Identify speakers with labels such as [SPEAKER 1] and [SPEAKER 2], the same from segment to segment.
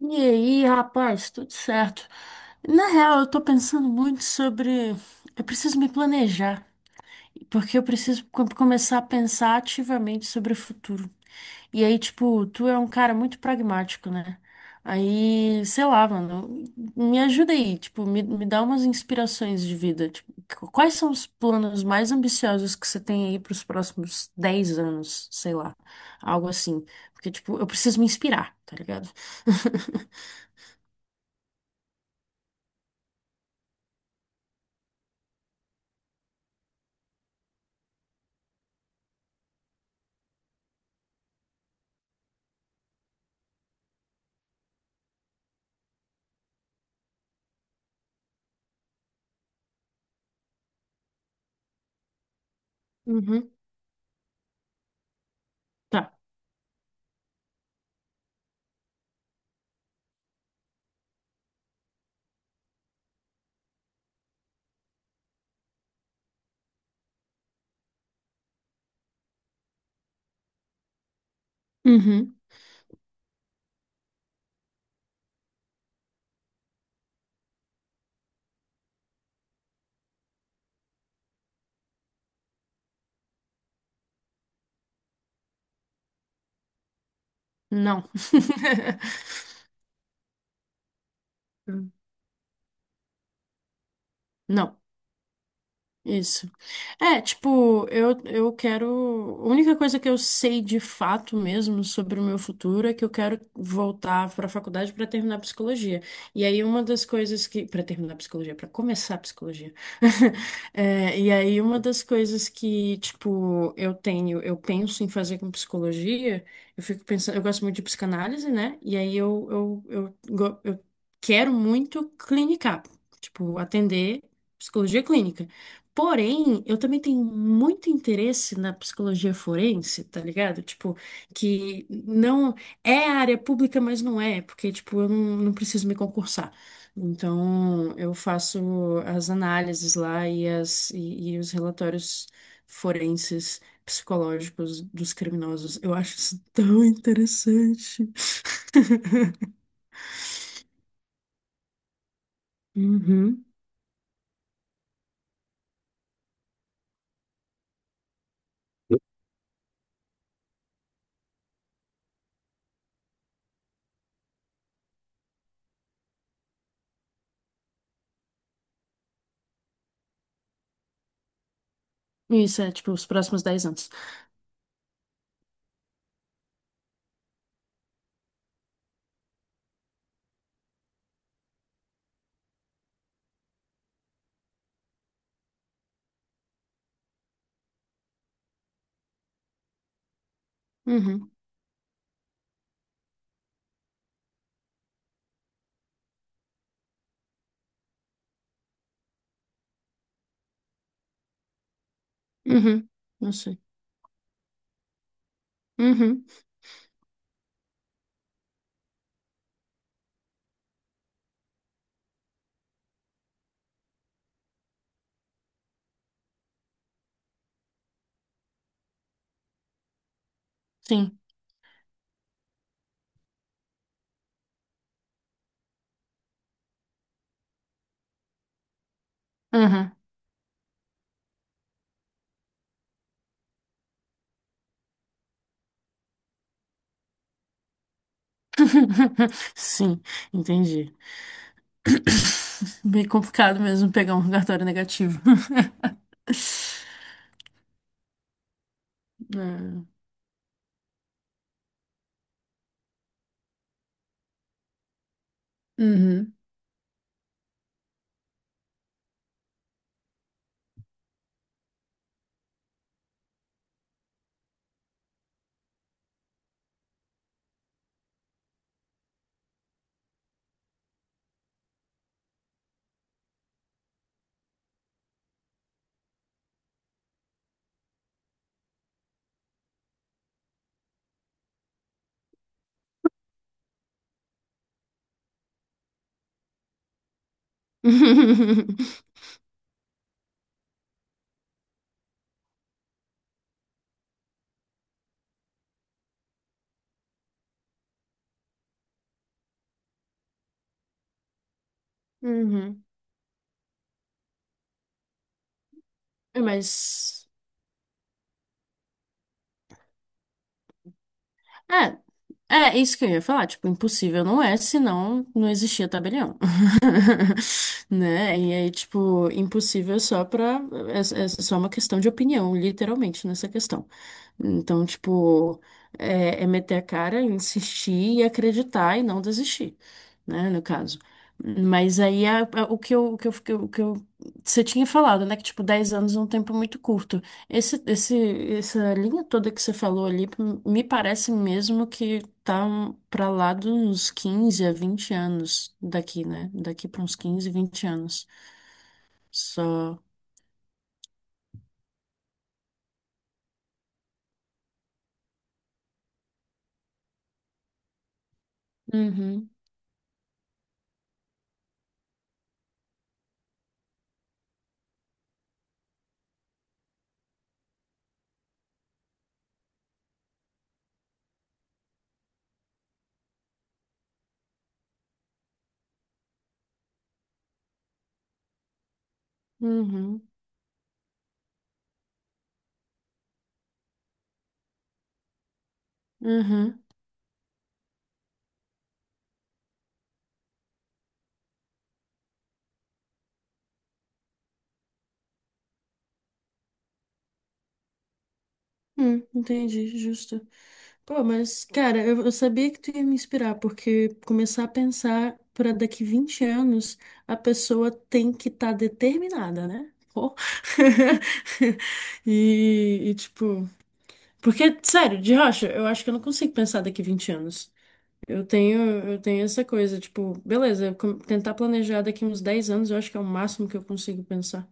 [SPEAKER 1] E aí, rapaz, tudo certo? Na real, eu tô pensando muito sobre. Eu preciso me planejar, porque eu preciso começar a pensar ativamente sobre o futuro. E aí, tipo, tu é um cara muito pragmático, né? Aí, sei lá, mano, me ajuda aí, tipo, me dá umas inspirações de vida. Tipo, quais são os planos mais ambiciosos que você tem aí pros próximos 10 anos, sei lá, algo assim. Porque, tipo, eu preciso me inspirar, tá ligado? Uhum. Tá. Uhum. Não. Não. Isso. É, tipo, eu quero. A única coisa que eu sei de fato mesmo sobre o meu futuro é que eu quero voltar para a faculdade para terminar psicologia. E aí, uma das coisas que. Para terminar psicologia, para começar psicologia. É, e aí, uma das coisas que, tipo, eu tenho, eu penso em fazer com psicologia, eu fico pensando. Eu gosto muito de psicanálise, né? E aí, eu quero muito clinicar, tipo, atender psicologia clínica. Porém, eu também tenho muito interesse na psicologia forense, tá ligado? Tipo, que não é área pública, mas não é, porque, tipo, eu não preciso me concursar. Então, eu faço as análises lá e os relatórios forenses psicológicos dos criminosos. Eu acho isso tão interessante. Uhum. Isso é, tipo, os próximos 10 anos. Uhum. Uhum. Não sei. Uhum. Sim. Uhum. Sim, entendi. Bem complicado mesmo pegar um cartório negativo. É. Uhum. Uhum. É. Uhum. Mas. É, É, isso que eu ia falar, tipo, impossível não é, senão não existia tabelião. Né? E aí, tipo, impossível é só pra. É só uma questão de opinião, literalmente, nessa questão. Então, tipo, é meter a cara, insistir e acreditar e não desistir, né? No caso. Mas aí você tinha falado, né? Que, tipo, 10 anos é um tempo muito curto. Essa linha toda que você falou ali, me parece mesmo que tá pra lá dos 15 a 20 anos daqui, né? Daqui pra uns 15 20 anos. Só. Uhum, uhum, uhum. Entendi, justo. Pô, mas, cara, eu sabia que tu ia me inspirar, porque começar a pensar pra daqui 20 anos, a pessoa tem que estar determinada, né? Pô. E, tipo. Porque, sério, de rocha, eu acho que eu não consigo pensar daqui 20 anos. Eu tenho, eu tenho essa coisa, tipo, beleza, tentar planejar daqui uns 10 anos, eu acho que é o máximo que eu consigo pensar.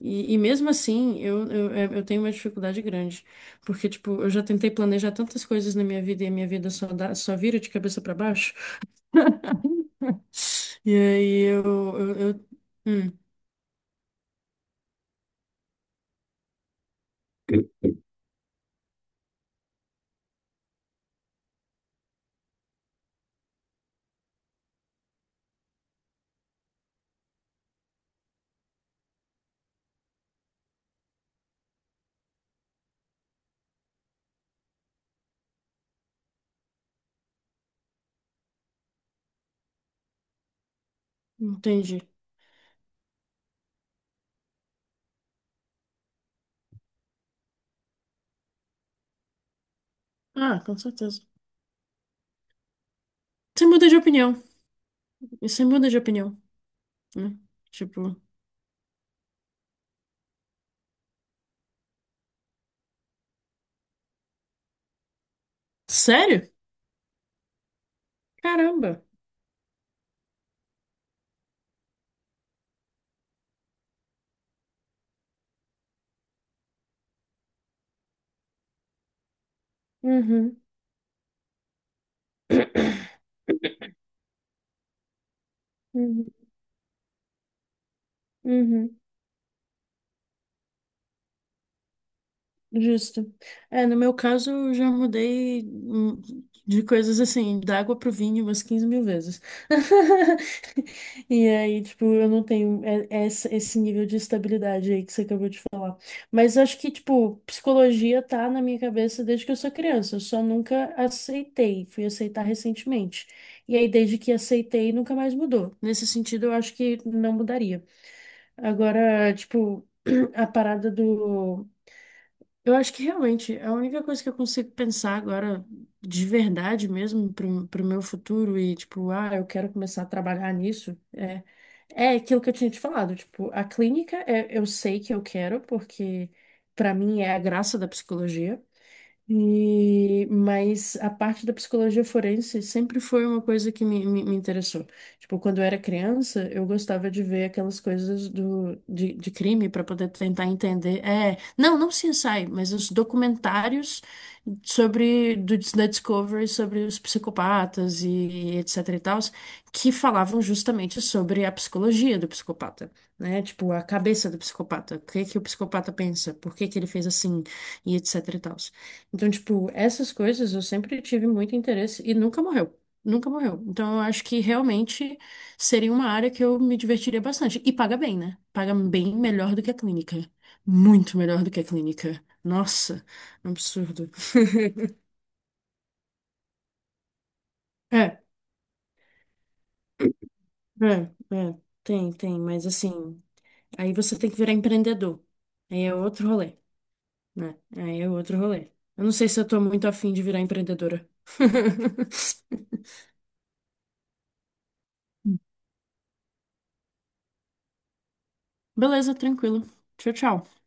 [SPEAKER 1] E mesmo assim, eu tenho uma dificuldade grande. Porque, tipo, eu já tentei planejar tantas coisas na minha vida e a minha vida só dá, só vira de cabeça pra baixo. E aí eu, eu- hum, entendi. Ah, com certeza. Você muda de opinião. Você muda de opinião, né? Tipo, sério? Caramba. Uhum, uhum, uhum, justo. É, no meu caso, eu já mudei de coisas assim, da água pro vinho umas 15 mil vezes. E aí, tipo, eu não tenho esse nível de estabilidade aí que você acabou de falar. Mas acho que, tipo, psicologia tá na minha cabeça desde que eu sou criança. Eu só nunca aceitei, fui aceitar recentemente. E aí, desde que aceitei, nunca mais mudou. Nesse sentido, eu acho que não mudaria. Agora, tipo, a parada do. Eu acho que realmente a única coisa que eu consigo pensar agora, de verdade mesmo, pro meu futuro e, tipo, ah, eu quero começar a trabalhar nisso, é aquilo que eu tinha te falado. Tipo, a clínica é, eu sei que eu quero, porque pra mim é a graça da psicologia. E, mas a parte da psicologia forense sempre foi uma coisa que me interessou. Tipo, quando eu era criança, eu gostava de ver aquelas coisas de crime para poder tentar entender. É, não, não CSI, mas os documentários sobre da Discovery sobre os psicopatas e etc e tal, que falavam justamente sobre a psicologia do psicopata, né? Tipo, a cabeça do psicopata, o que que o psicopata pensa, por que que ele fez assim e etc e tal. Então, tipo, essas coisas eu sempre tive muito interesse e nunca morreu. Nunca morreu. Então, eu acho que realmente seria uma área que eu me divertiria bastante. E paga bem, né? Paga bem melhor do que a clínica. Muito melhor do que a clínica. Nossa, absurdo. É, é, é. Tem, tem. Mas assim, aí você tem que virar empreendedor. Aí é outro rolê, né? Aí é outro rolê. Eu não sei se eu tô muito afim de virar empreendedora. Beleza, tranquilo. Tchau, tchau.